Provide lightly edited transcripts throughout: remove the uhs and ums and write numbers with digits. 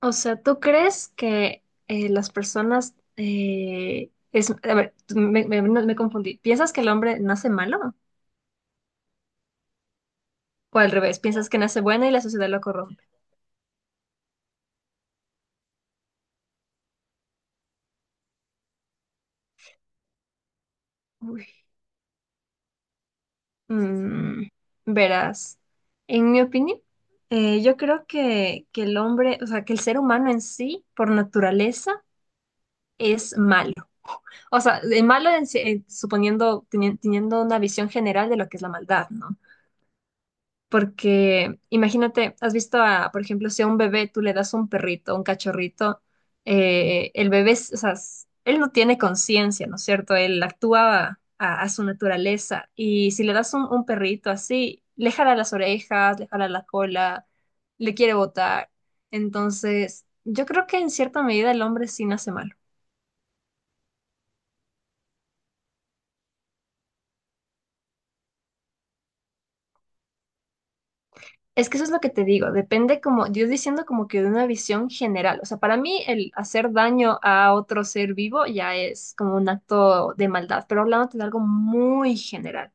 O sea, ¿tú crees que las personas a ver, no, me confundí. ¿Piensas que el hombre nace malo? ¿O al revés? ¿Piensas que nace bueno y la sociedad lo corrompe? Uy. Mm, verás, en mi opinión, yo creo que el hombre, o sea, que el ser humano en sí, por naturaleza, es malo. O sea, de malo en sí- suponiendo, teniendo una visión general de lo que es la maldad, ¿no? Porque imagínate, has visto a, por ejemplo, si a un bebé tú le das un perrito, un cachorrito, el bebé, es- o sea, él no tiene conciencia, ¿no es cierto? Él actúa a su naturaleza. Y si le das un perrito así, le jala las orejas, le jala la cola, le quiere botar. Entonces, yo creo que en cierta medida el hombre sí nace malo. Es que eso es lo que te digo, depende como, yo diciendo como que de una visión general, o sea, para mí el hacer daño a otro ser vivo ya es como un acto de maldad, pero hablándote de algo muy general,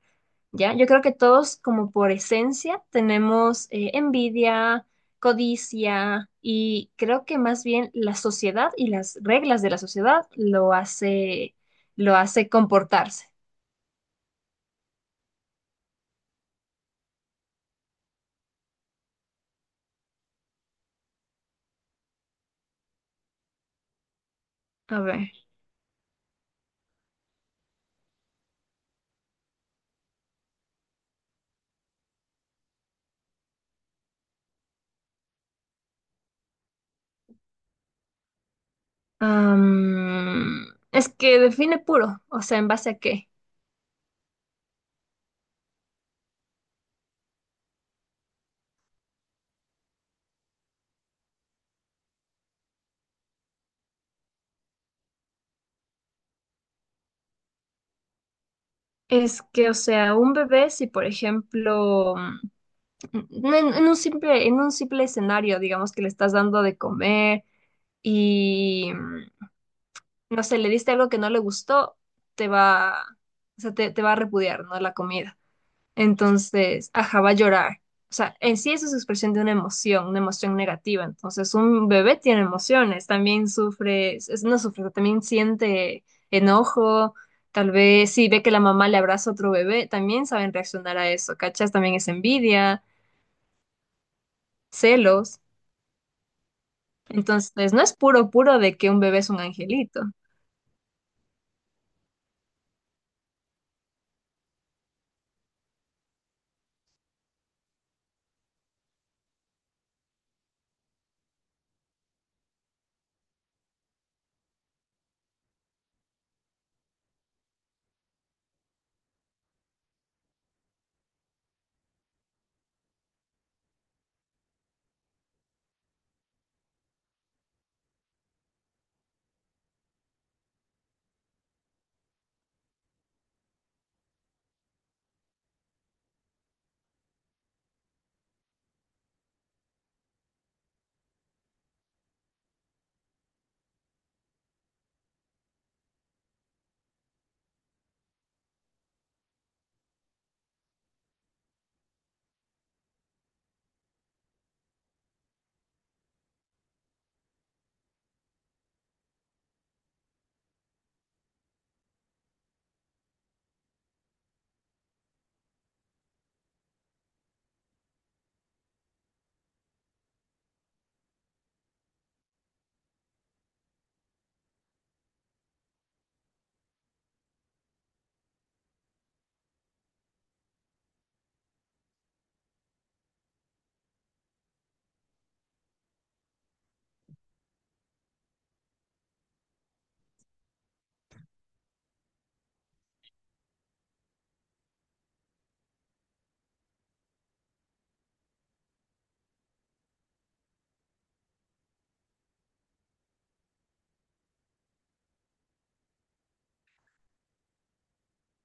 ¿ya? Yo creo que todos como por esencia tenemos envidia, codicia y creo que más bien la sociedad y las reglas de la sociedad lo hace comportarse. A ver, am, es que define puro, o sea, ¿en base a qué? Es que, o sea, un bebé, si por ejemplo, en un simple escenario, digamos que le estás dando de comer y, no sé, le diste algo que no le gustó, te va, o sea, te va a repudiar, ¿no? La comida. Entonces, ajá, va a llorar. O sea, en sí eso es expresión de una emoción negativa. Entonces, un bebé tiene emociones, también sufre, es- no sufre, también siente enojo. Tal vez si ve que la mamá le abraza a otro bebé, también saben reaccionar a eso, ¿cachas? También es envidia, celos. Entonces, no es puro, puro de que un bebé es un angelito.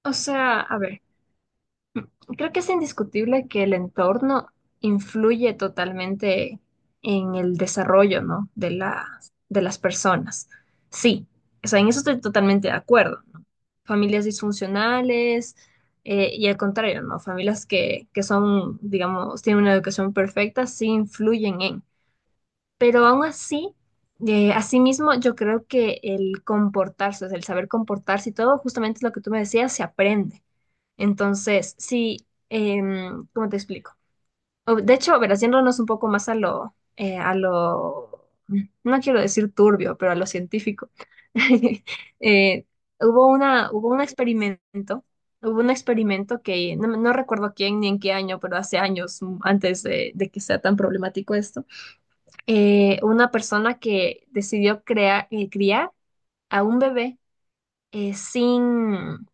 O sea, a ver. Creo que es indiscutible que el entorno influye totalmente en el desarrollo, ¿no? De las personas. Sí, o sea, en eso estoy totalmente de acuerdo, ¿no? Familias disfuncionales y al contrario, ¿no? Familias que son, digamos, tienen una educación perfecta, sí influyen en. Pero aún así, asimismo, yo creo que el comportarse, o sea, el saber comportarse y todo, justamente lo que tú me decías, se aprende. Entonces, sí, ¿cómo te explico? De hecho, ver, haciéndonos un poco más a lo, no quiero decir turbio, pero a lo científico. Eh, hubo una, hubo un experimento que no, no recuerdo quién ni en qué año, pero hace años antes de que sea tan problemático esto, una persona que decidió crear, criar a un bebé sin,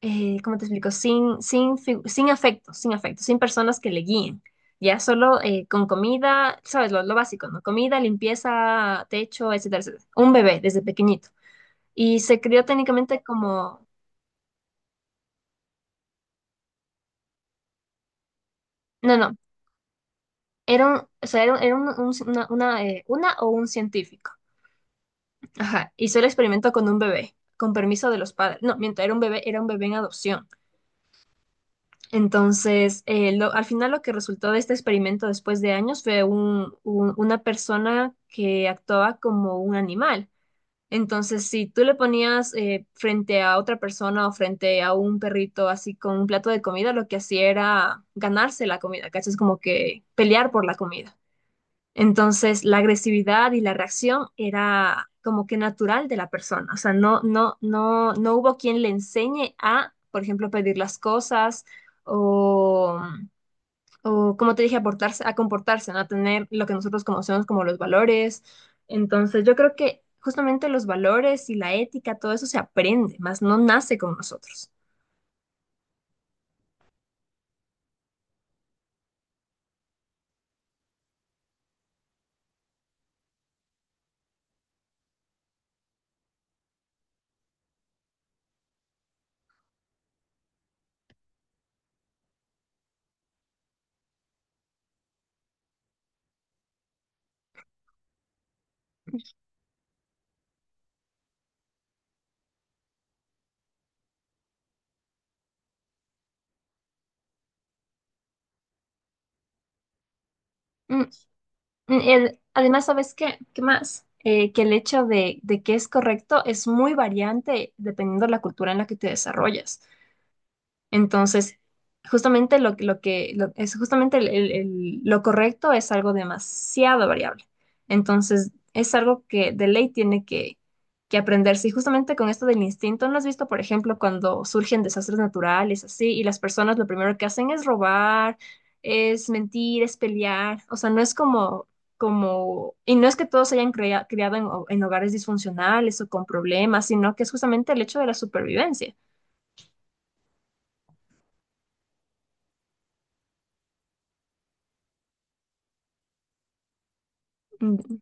¿cómo te explico? Sin afecto, sin afecto, sin personas que le guíen. Ya solo con comida, sabes, lo básico, ¿no? Comida, limpieza, techo, etcétera, etcétera. Un bebé desde pequeñito. Y se crió técnicamente como, no, no, era un, o sea, era un- una o un científico. Ajá, hizo el experimento con un bebé, con permiso de los padres. No, mientras era un bebé en adopción. Entonces, al final lo que resultó de este experimento después de años fue una persona que actuaba como un animal. Entonces, si tú le ponías frente a otra persona o frente a un perrito así con un plato de comida, lo que hacía era ganarse la comida, ¿cachas? Como que pelear por la comida. Entonces, la agresividad y la reacción era como que natural de la persona. O sea, no hubo quien le enseñe a, por ejemplo, pedir las cosas o, o, como te dije, a comportarse, ¿no? A tener lo que nosotros conocemos como los valores. Entonces, yo creo que justamente los valores y la ética, todo eso se aprende, más no nace con nosotros. El- además, ¿sabes qué? ¿Qué más? Que el hecho de que es correcto es muy variante dependiendo de la cultura en la que te desarrollas. Entonces, justamente es justamente lo correcto es algo demasiado variable. Entonces, es algo que de ley tiene que aprenderse. Y justamente con esto del instinto, ¿no has visto, por ejemplo, cuando surgen desastres naturales así y las personas lo primero que hacen es robar, es mentir, es pelear? O sea, no es y no es que todos se hayan criado en, en hogares disfuncionales o con problemas, sino que es justamente el hecho de la supervivencia. Mm,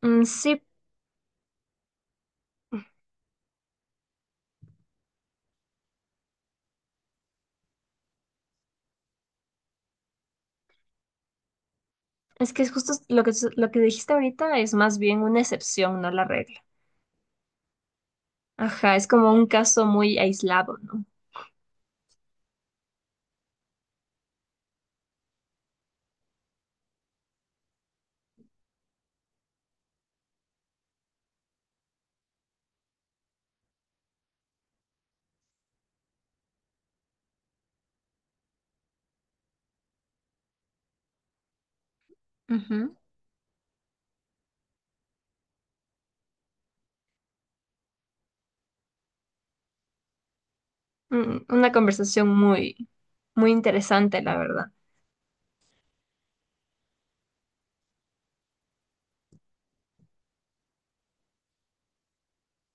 Sí, es que es justo lo que dijiste ahorita es más bien una excepción, no la regla. Ajá, es como un caso muy aislado, ¿no? Ujú. Una conversación muy, muy interesante, la verdad.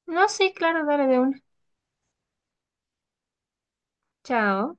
No, sí, claro, dale de una. Chao.